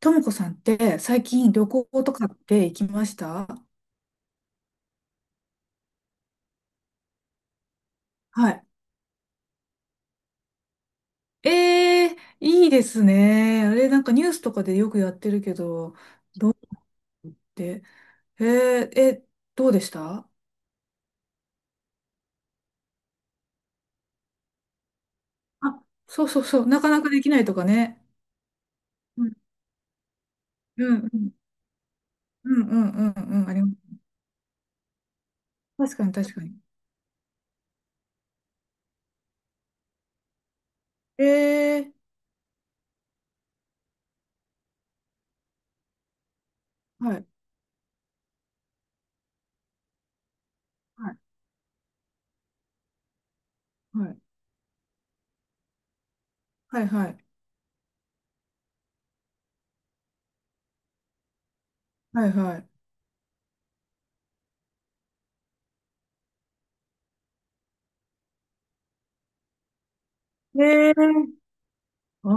ともこさんって最近旅行とかって行きました？はい。ええ、いいですね。あれ、なんかニュースとかでよくやってるけど、で、えーえ、どうでした？あ、そうそうそう、なかなかできないとかね。うん、うん、うん、うん、うん、うん、うん、あります。確かに、確かに。ええ、はい、はい、はい、はい、はい、はい、はい。ええ、あ、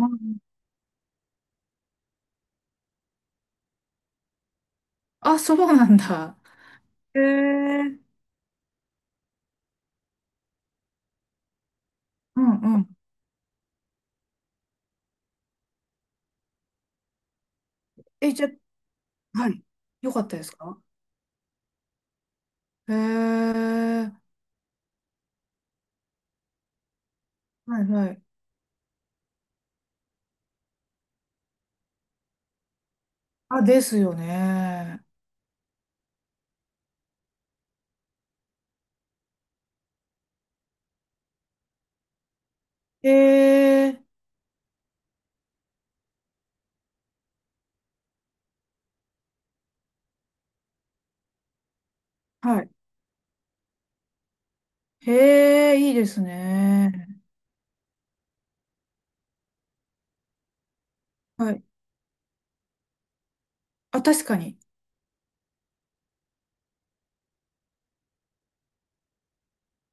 あ、そうなんだ。ええ、うん、うん。え、じゃあ、はい。よかったですか？へえ、はいはい。あ、ですよね。へえ、はい。へえ、いいですね。はい。あ、確かに。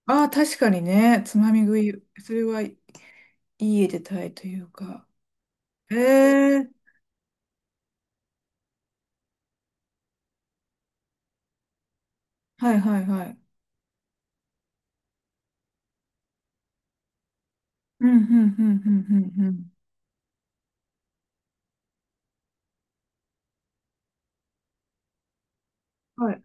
あ、確かにね。つまみ食い。それはいい絵でたいというか。へえ、はいはいはい。うん、うん、うん、うん、うん。うん、はい。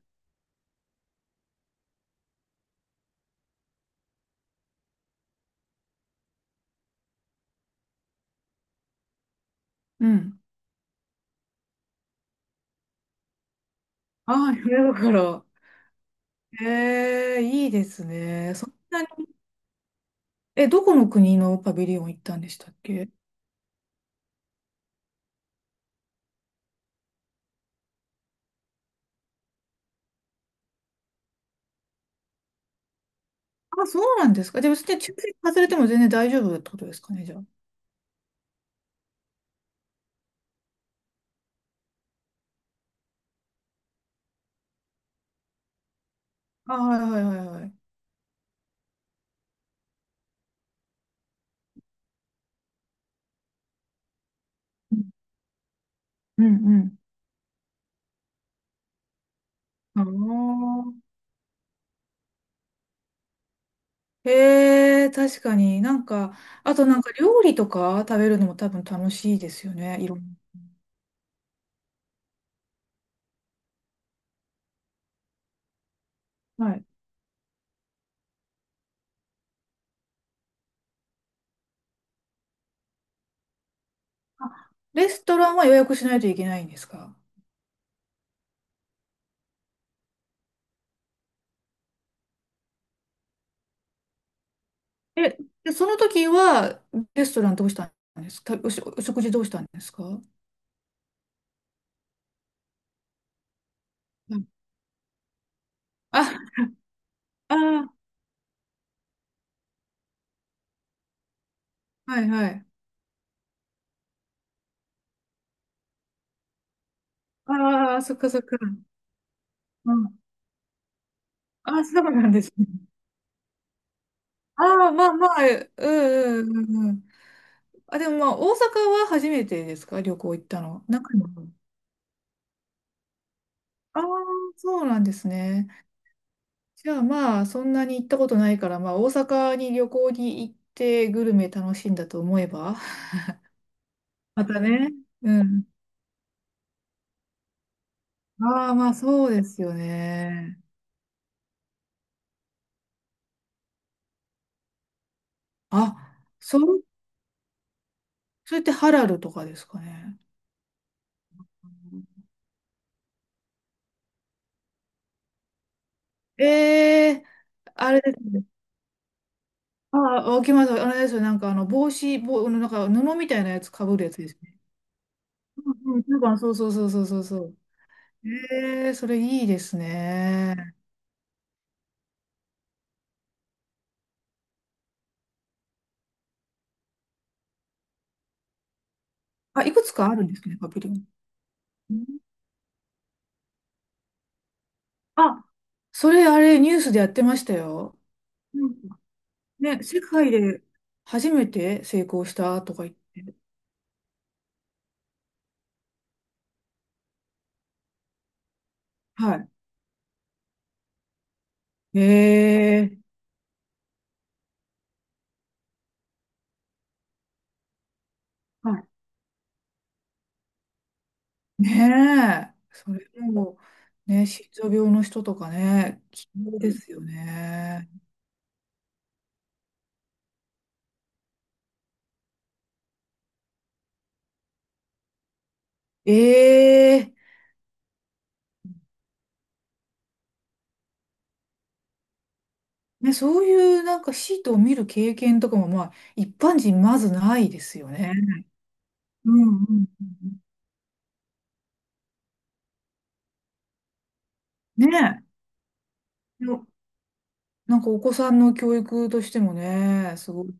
うん。ああ、だから。へえ、いいですね。そんなに。え、どこの国のパビリオン行ったんでしたっけ？あ、そうなんですか。じゃあ、別に抽選外れても全然大丈夫ってことですかね、じゃあ。あ、はいはいはいはい。うん、うん、うん、ああ。へえ、確かに。なんか、あとなんか料理とか食べるのも多分楽しいですよね。いろんな。はい。あ、レストランは予約しないといけないんですか？え、で、その時は、レストランどうしたんですかたおし、お食事どうしたんですか？うん、あ、あー、はいはい。ああ、そっかそっか。うん。あ、そうなんですね。ああ、まあまあ、うん、うん、うん、うん。あ、でもまあ、大阪は初めてですか、旅行行ったの、中に？ああ、そうなんですね。じゃあまあ、そんなに行ったことないから、まあ、大阪に旅行に行ってグルメ楽しんだと思えば、またね。うん。ああ、まあ、そうですよね。あ、そう、それってハラルとかですかね？ええー、あれですね。ああ、わかります。あれですよ。なんか、あの、帽子、あのなんか、布みたいなやつかぶるやつですね。うん、うん、なんか、そうそうそうそうそうそう。ええ、それいいですね。あ、いくつかあるんですね、パビリオン。うん、あ、それ、あれ、ニュースでやってましたよ。うん、ね、世界で初めて成功したとか言って。はい。ええ、はい。ねえ。それも、ね、心臓病の人とかね、希望ですよね。ええ、ね、そういうなんかシートを見る経験とかもまあ一般人まずないですよね。うん、うん、うん、うん。ねえ。よ、なんかお子さんの教育としてもね、すごい。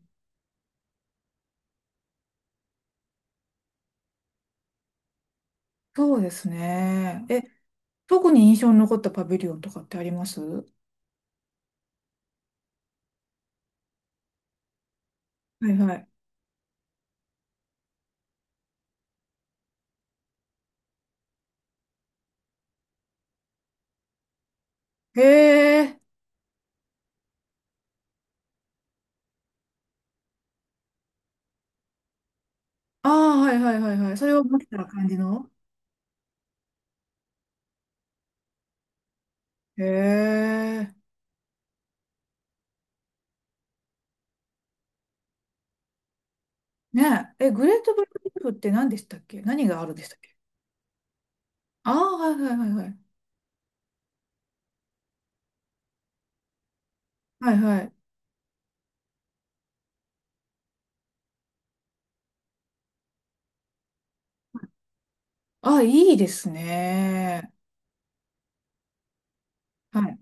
そうですね。え、特に印象に残ったパビリオンとかってありますは？い、はい。へえ。ああ、はいはいはいはい。それを持ってた感じの？へえ。ねえ。え、グレートバリアリーフって何でしたっけ？何があるでしたっけ？ああー、はいはいはいはい。はいはい。ああ、いいですね。はい、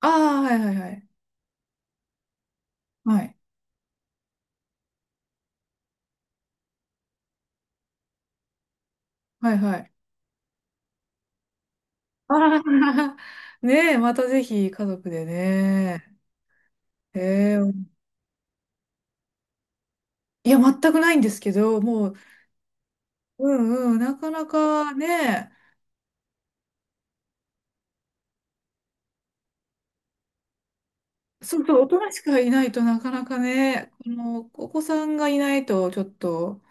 ああ、はいはいはい。はい。はいはい。ああ、ねえ、またぜひ家族でね。ええ、いや、全くないんですけど、もう、うん、うん、なかなかね、そうそう、大人しかいないとなかなかね、この、お子さんがいないと、ちょっと、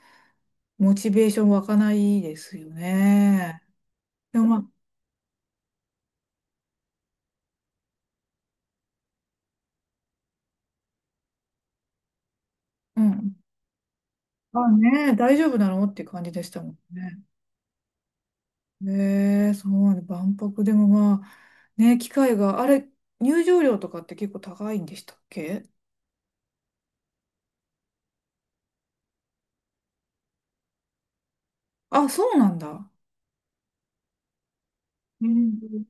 モチベーション湧かないですよね。でも、まあ、うん。あ、ねえ、大丈夫なのっていう感じでしたもんね。ねえ、そうなんで万博でもまあ、ね、機会が、あれ、入場料とかって結構高いんでしたっけ？あ、そうなんだ。うん。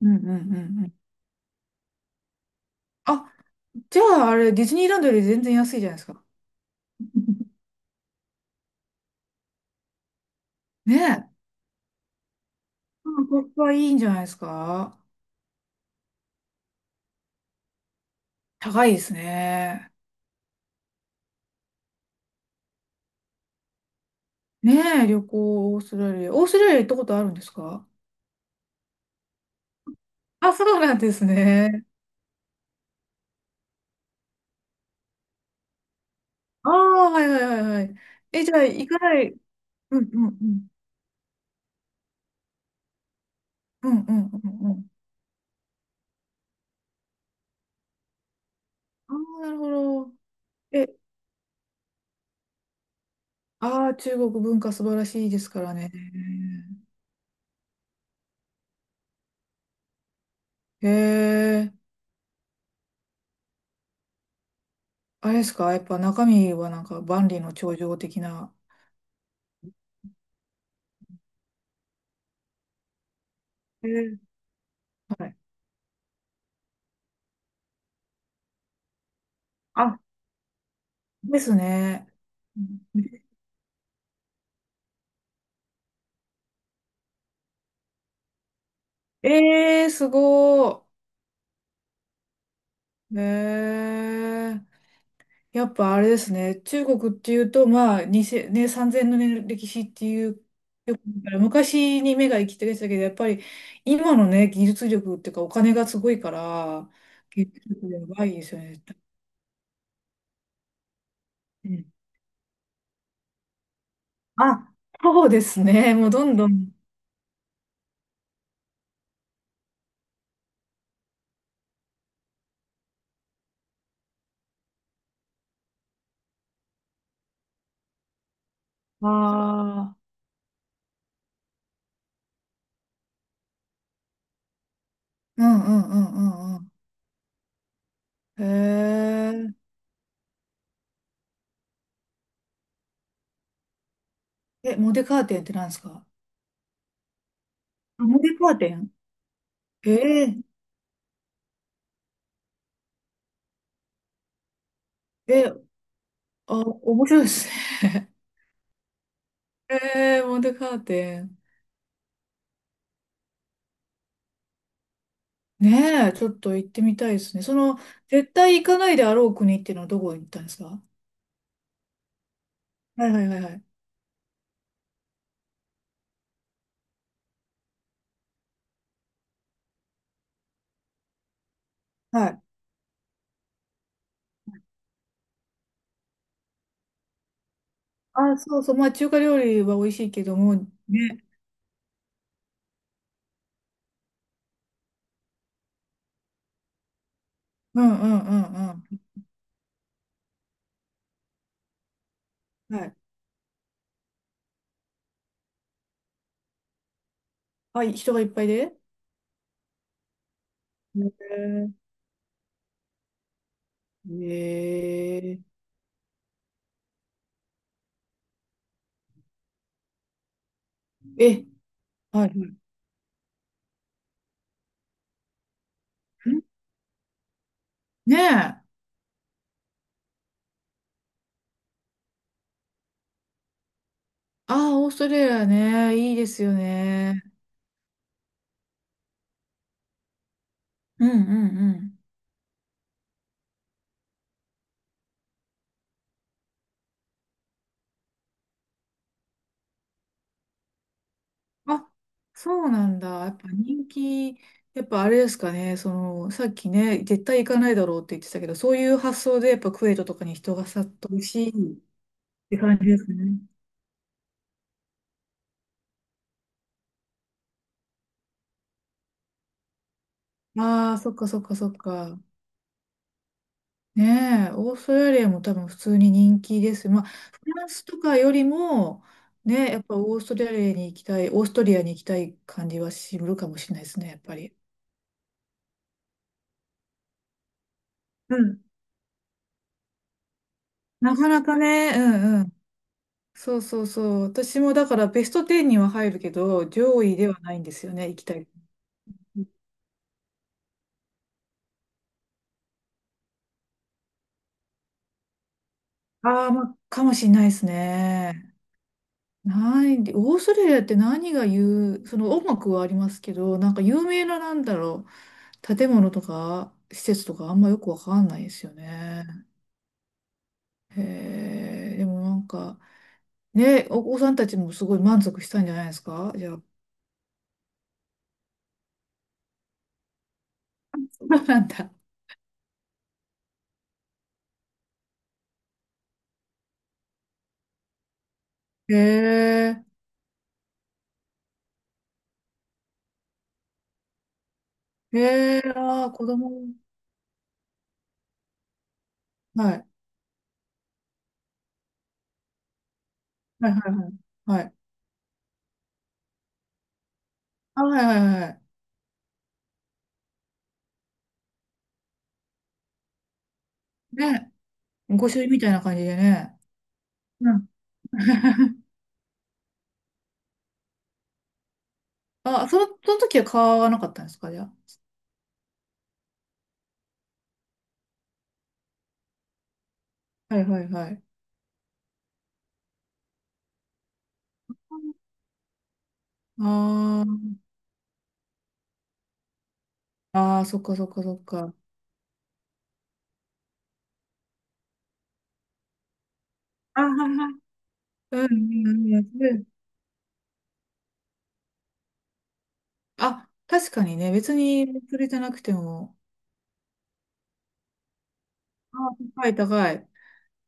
うん、うん、うん、うん。あ、じゃああれ、ディズニーランドより全然安いじゃないですか。ねえ。うん、ここはいいんじゃないですか。高いですね。ねえ、旅行、オーストラリア。オーストラリア行ったことあるんですか？あ、そうなんですね。ああ、はいはいはいはい。え、じゃあ、行かない。うん、うん、うん。うん、うん、うん、うん。ああ、なるほど。え、ああ、中国文化素晴らしいですからね。へえ、あれですか、やっぱ中身はなんか万里の長城的な。へえー、はい。あ、ですね。ええー、すごい。ええ、やっぱあれですね、中国っていうと、まあ、2 0ね、3000の年の歴史っていう、よく見たら昔に目が行きがちだけど、やっぱり今のね、技術力っていうか、お金がすごいから、技術力やばいですよね。あ、そうですね。もうどんどん。ああ。うん、うん、うん、うん、うん。へえ。え、モデカーテンって何ですか？あ、モデカーテン？え、ええ、あ、面白いですね。ええ、モデカーテン。ねえ、ちょっと行ってみたいですね。その、絶対行かないであろう国っていうのはどこに行ったんですか？はいはいはいはい。はい。あ、そうそう。まあ、中華料理は美味しいけども、ね。うん、うん、うん、うん。はい。あ、人がいっぱいで？へえ、えええ、はいはい。ん、ねえ。あ、ああ、オーストラリアね、いいですよね。うん、うん、うん。あ、そうなんだ。やっぱ人気、やっぱあれですかね、その、さっきね、絶対行かないだろうって言ってたけど、そういう発想でやっぱクウェートとかに人が殺到し、って感じですね。ああ、そっかそっかそっか。ねえ、オーストラリアも多分普通に人気です。まあ、フランスとかよりも、ね、やっぱオーストラリアに行きたい、オーストリアに行きたい感じはするかもしれないですね、やっぱり。うん。なかなかね、うん、うん。そうそうそう。私もだからベスト10には入るけど、上位ではないんですよね、行きたい。ああ、まあ、かもしれないですね。ない、オーストラリアって何が言う、その音楽はありますけど、なんか有名ななんだろう。建物とか施設とかあんまよくわかんないですよね。へえ、でもなんか、ね、お子さんたちもすごい満足したんじゃないですかじゃあ？そうなんだ。へえ、へえ、ああ、子供。はい。はいはいはい。はい。あ、はいはいはい。ね、御朱印みたいな感じでね。うん。あ、その、その時は買わなかったんですかじゃあ？はいはいはい。ああ、ああ、そっかそっかそっか。ああ、はいはい。うん、うん、うん。あ、確かにね、別にそれじゃなくても。あ、高い高い。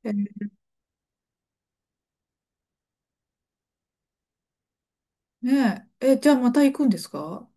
え、ねえ、え、じゃあまた行くんですか？